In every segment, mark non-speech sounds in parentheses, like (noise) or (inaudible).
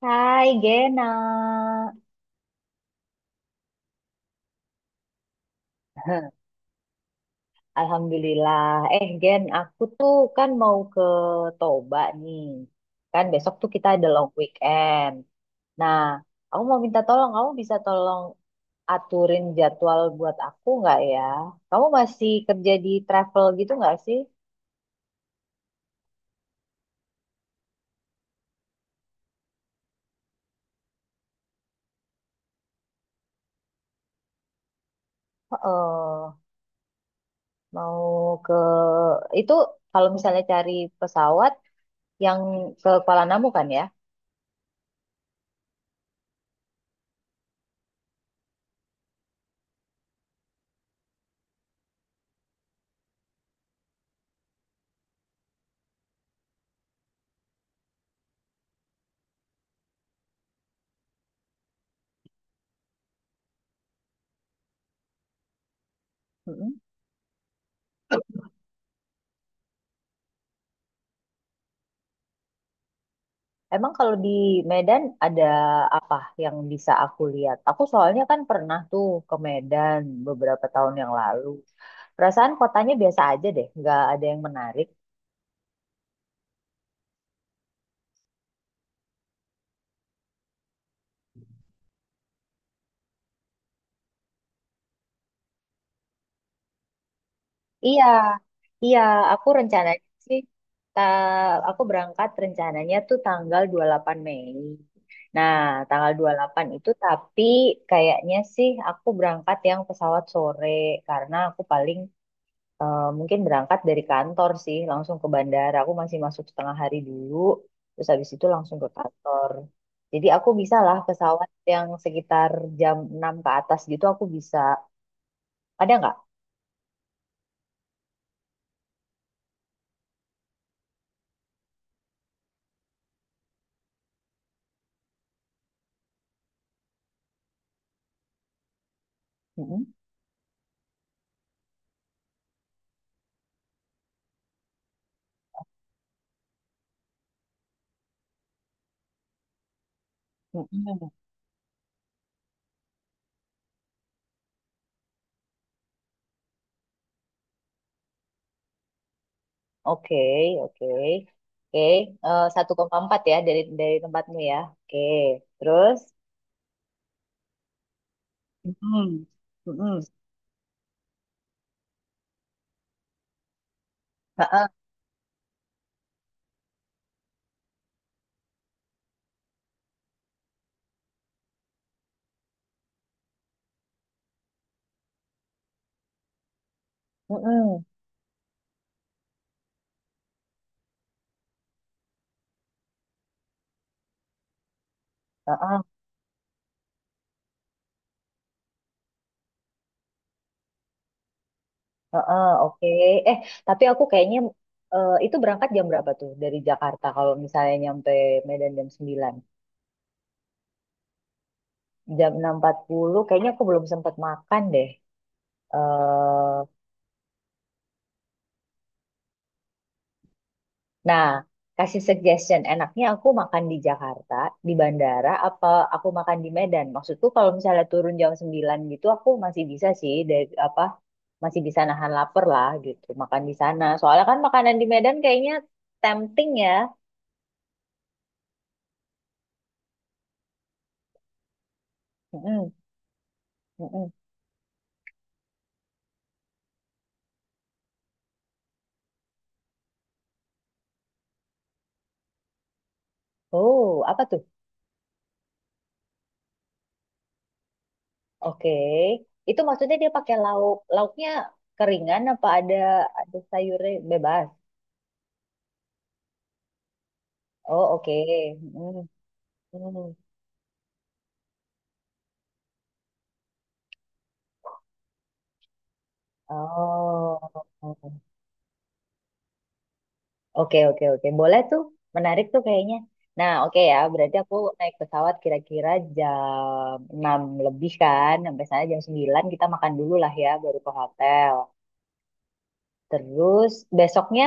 Hai Gena, (laughs) Alhamdulillah. Eh Gen, aku tuh kan mau ke Toba nih. Kan besok tuh kita ada long weekend. Nah, aku mau minta tolong, kamu bisa tolong aturin jadwal buat aku nggak ya? Kamu masih kerja di travel gitu nggak sih? Heeh, mau ke itu kalau misalnya cari pesawat yang ke Kuala Namu kan ya? Emang kalau di Medan ada apa yang bisa aku lihat? Aku soalnya kan pernah tuh ke Medan beberapa tahun yang lalu. Perasaan kotanya biasa aja deh, nggak ada yang menarik. Iya, iya, aku rencananya sih, ta aku berangkat rencananya tuh tanggal 28 Mei. Nah, tanggal 28 itu tapi kayaknya sih aku berangkat yang pesawat sore karena aku paling eh, mungkin berangkat dari kantor sih, langsung ke bandara. Aku masih masuk setengah hari dulu, terus habis itu langsung ke kantor. Jadi aku bisa lah pesawat yang sekitar jam 6 ke atas gitu aku bisa. Ada nggak? Mm-mm. Mm-mm. Oke, oke. Oke. Eh, 1,4 ya dari tempatmu ya. Oke, terus? Mm-mm. Mm-mm. Ha-ha. Mm-mm. Ha-ha. Heeh, oke. Eh, tapi aku kayaknya eh, itu berangkat jam berapa tuh dari Jakarta kalau misalnya nyampe Medan jam 9. Jam 6.40 kayaknya aku belum sempat makan deh. Eh, nah, kasih suggestion. Enaknya aku makan di Jakarta, di bandara, apa aku makan di Medan? Maksudku kalau misalnya turun jam 9 gitu aku masih bisa sih dari apa masih bisa nahan lapar lah gitu, makan di sana. Soalnya kan makanan di Medan kayaknya tempting ya. Mm-mm, mm-mm. Oh, apa tuh? Oke. Itu maksudnya dia pakai lauk. Lauknya keringan apa ada sayurnya bebas? Oh, oke. Hmm, hmm. Oh. Oke, oke, oke. Boleh tuh. Menarik tuh kayaknya. Nah, oke ya. Berarti aku naik pesawat kira-kira jam 6 lebih kan. Sampai sana jam 9 kita makan dulu lah ya, baru ke hotel. Terus besoknya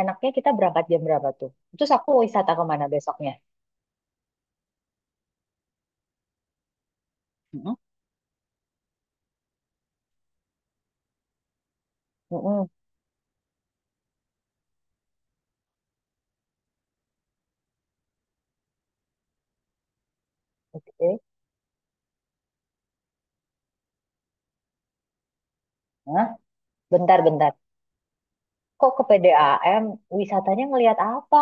enaknya kita berangkat jam berapa tuh? Terus aku wisata kemana besoknya? Mm-mm. Mm-mm. Oke. Hah? Bentar, bentar. Kok ke PDAM? Wisatanya ngelihat apa?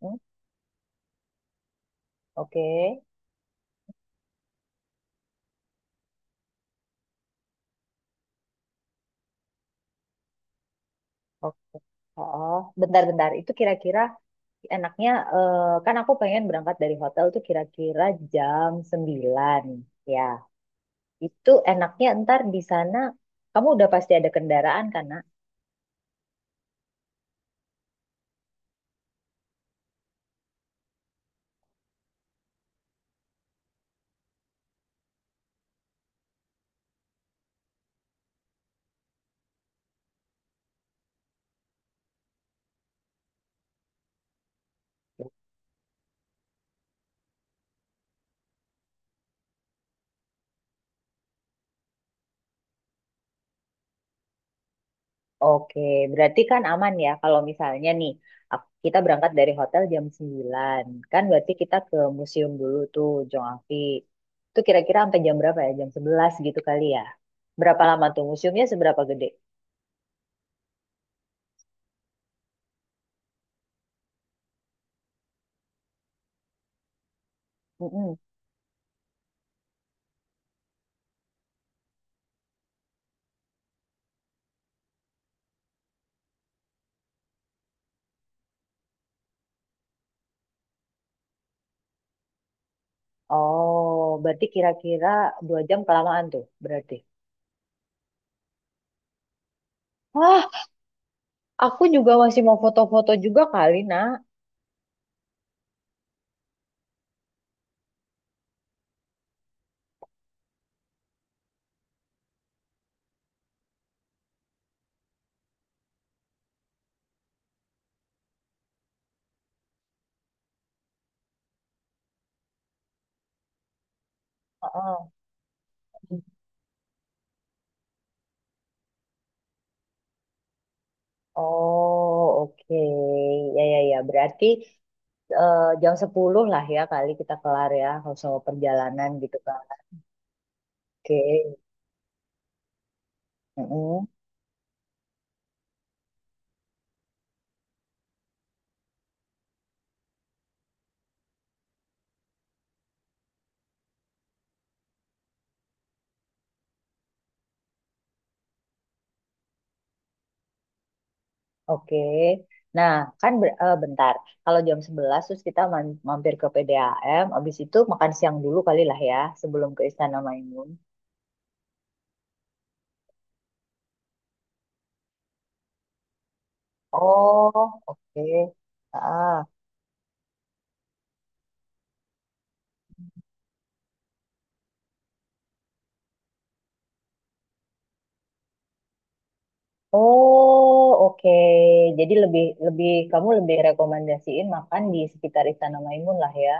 Hmm, oke. Oke. Oh, bentar, bentar. Itu kira-kira enaknya, eh, kan aku pengen berangkat dari hotel tuh kira-kira jam 9. Ya, itu enaknya ntar di sana, kamu udah pasti ada kendaraan kan? Oke, berarti kan aman ya kalau misalnya nih kita berangkat dari hotel jam 9. Kan berarti kita ke museum dulu tuh Jong Afi. Itu kira-kira sampai jam berapa ya? Jam 11 gitu kali ya. Berapa lama tuh museumnya seberapa gede? Mm-mm. Oh, berarti kira-kira 2 jam kelamaan tuh berarti. Wah, aku juga masih mau foto-foto juga kali, Nak. Heeh. Oh, oke. Ya, ya, ya. Berarti eh, jam 10 lah ya kali kita kelar ya kalau soal perjalanan gitu kan. Oke. Mm-mm. Oke. Nah, kan eh, bentar. Kalau jam 11 terus kita mampir ke PDAM, habis itu makan siang dulu kali lah ya sebelum ke Istana Maimun. Oh, oke. Ah. Oh, oke. Jadi lebih lebih kamu lebih rekomendasiin makan di sekitar Istana Maimun lah ya,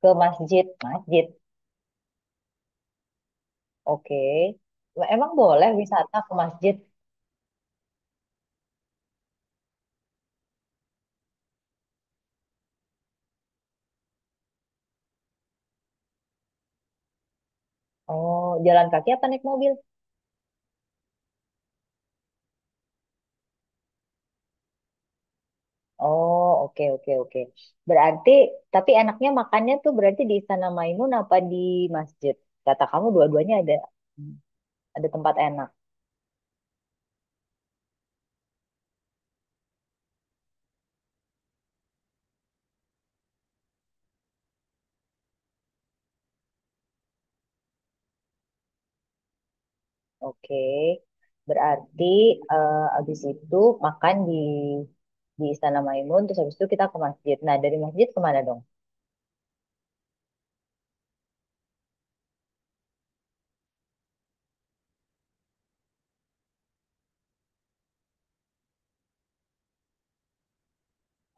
ke masjid, masjid. Oke. Emang boleh wisata ke masjid? Oh, jalan kaki apa naik mobil? Oh, oke, oke, oke. Berarti, tapi enaknya makannya tuh berarti di Istana Maimun apa di masjid? Kata kamu dua-duanya ada tempat enak. Oke. Berarti eh, habis itu makan di Istana Maimun, terus habis itu kita ke masjid. Nah, dari masjid kemana dong?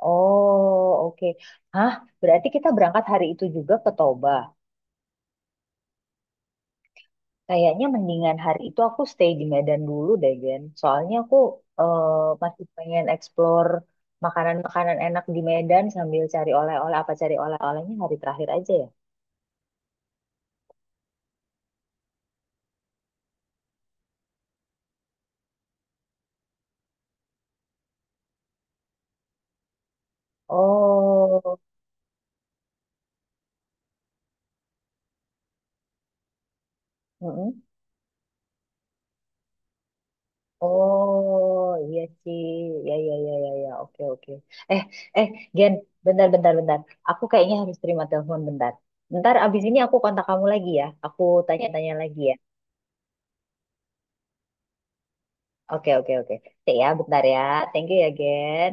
Oh, oke. Hah, berarti kita berangkat hari itu juga ke Toba. Kayaknya mendingan hari itu aku stay di Medan dulu deh, Gen. Soalnya aku eh, masih pengen explore makanan-makanan enak di Medan sambil cari oleh-oleh. Apa cari oleh-olehnya hari terakhir aja ya? Oh, mm-mm. Oh, iya sih. Ya, ya, ya, ya, ya. Oke, oke. Eh, eh, Gen, bentar, bentar, bentar. Aku kayaknya harus terima telepon bentar. Bentar, abis ini aku kontak kamu lagi ya. Aku tanya-tanya lagi ya. Oke, oke, oke. Oke ya, bentar ya. Thank you ya, Gen.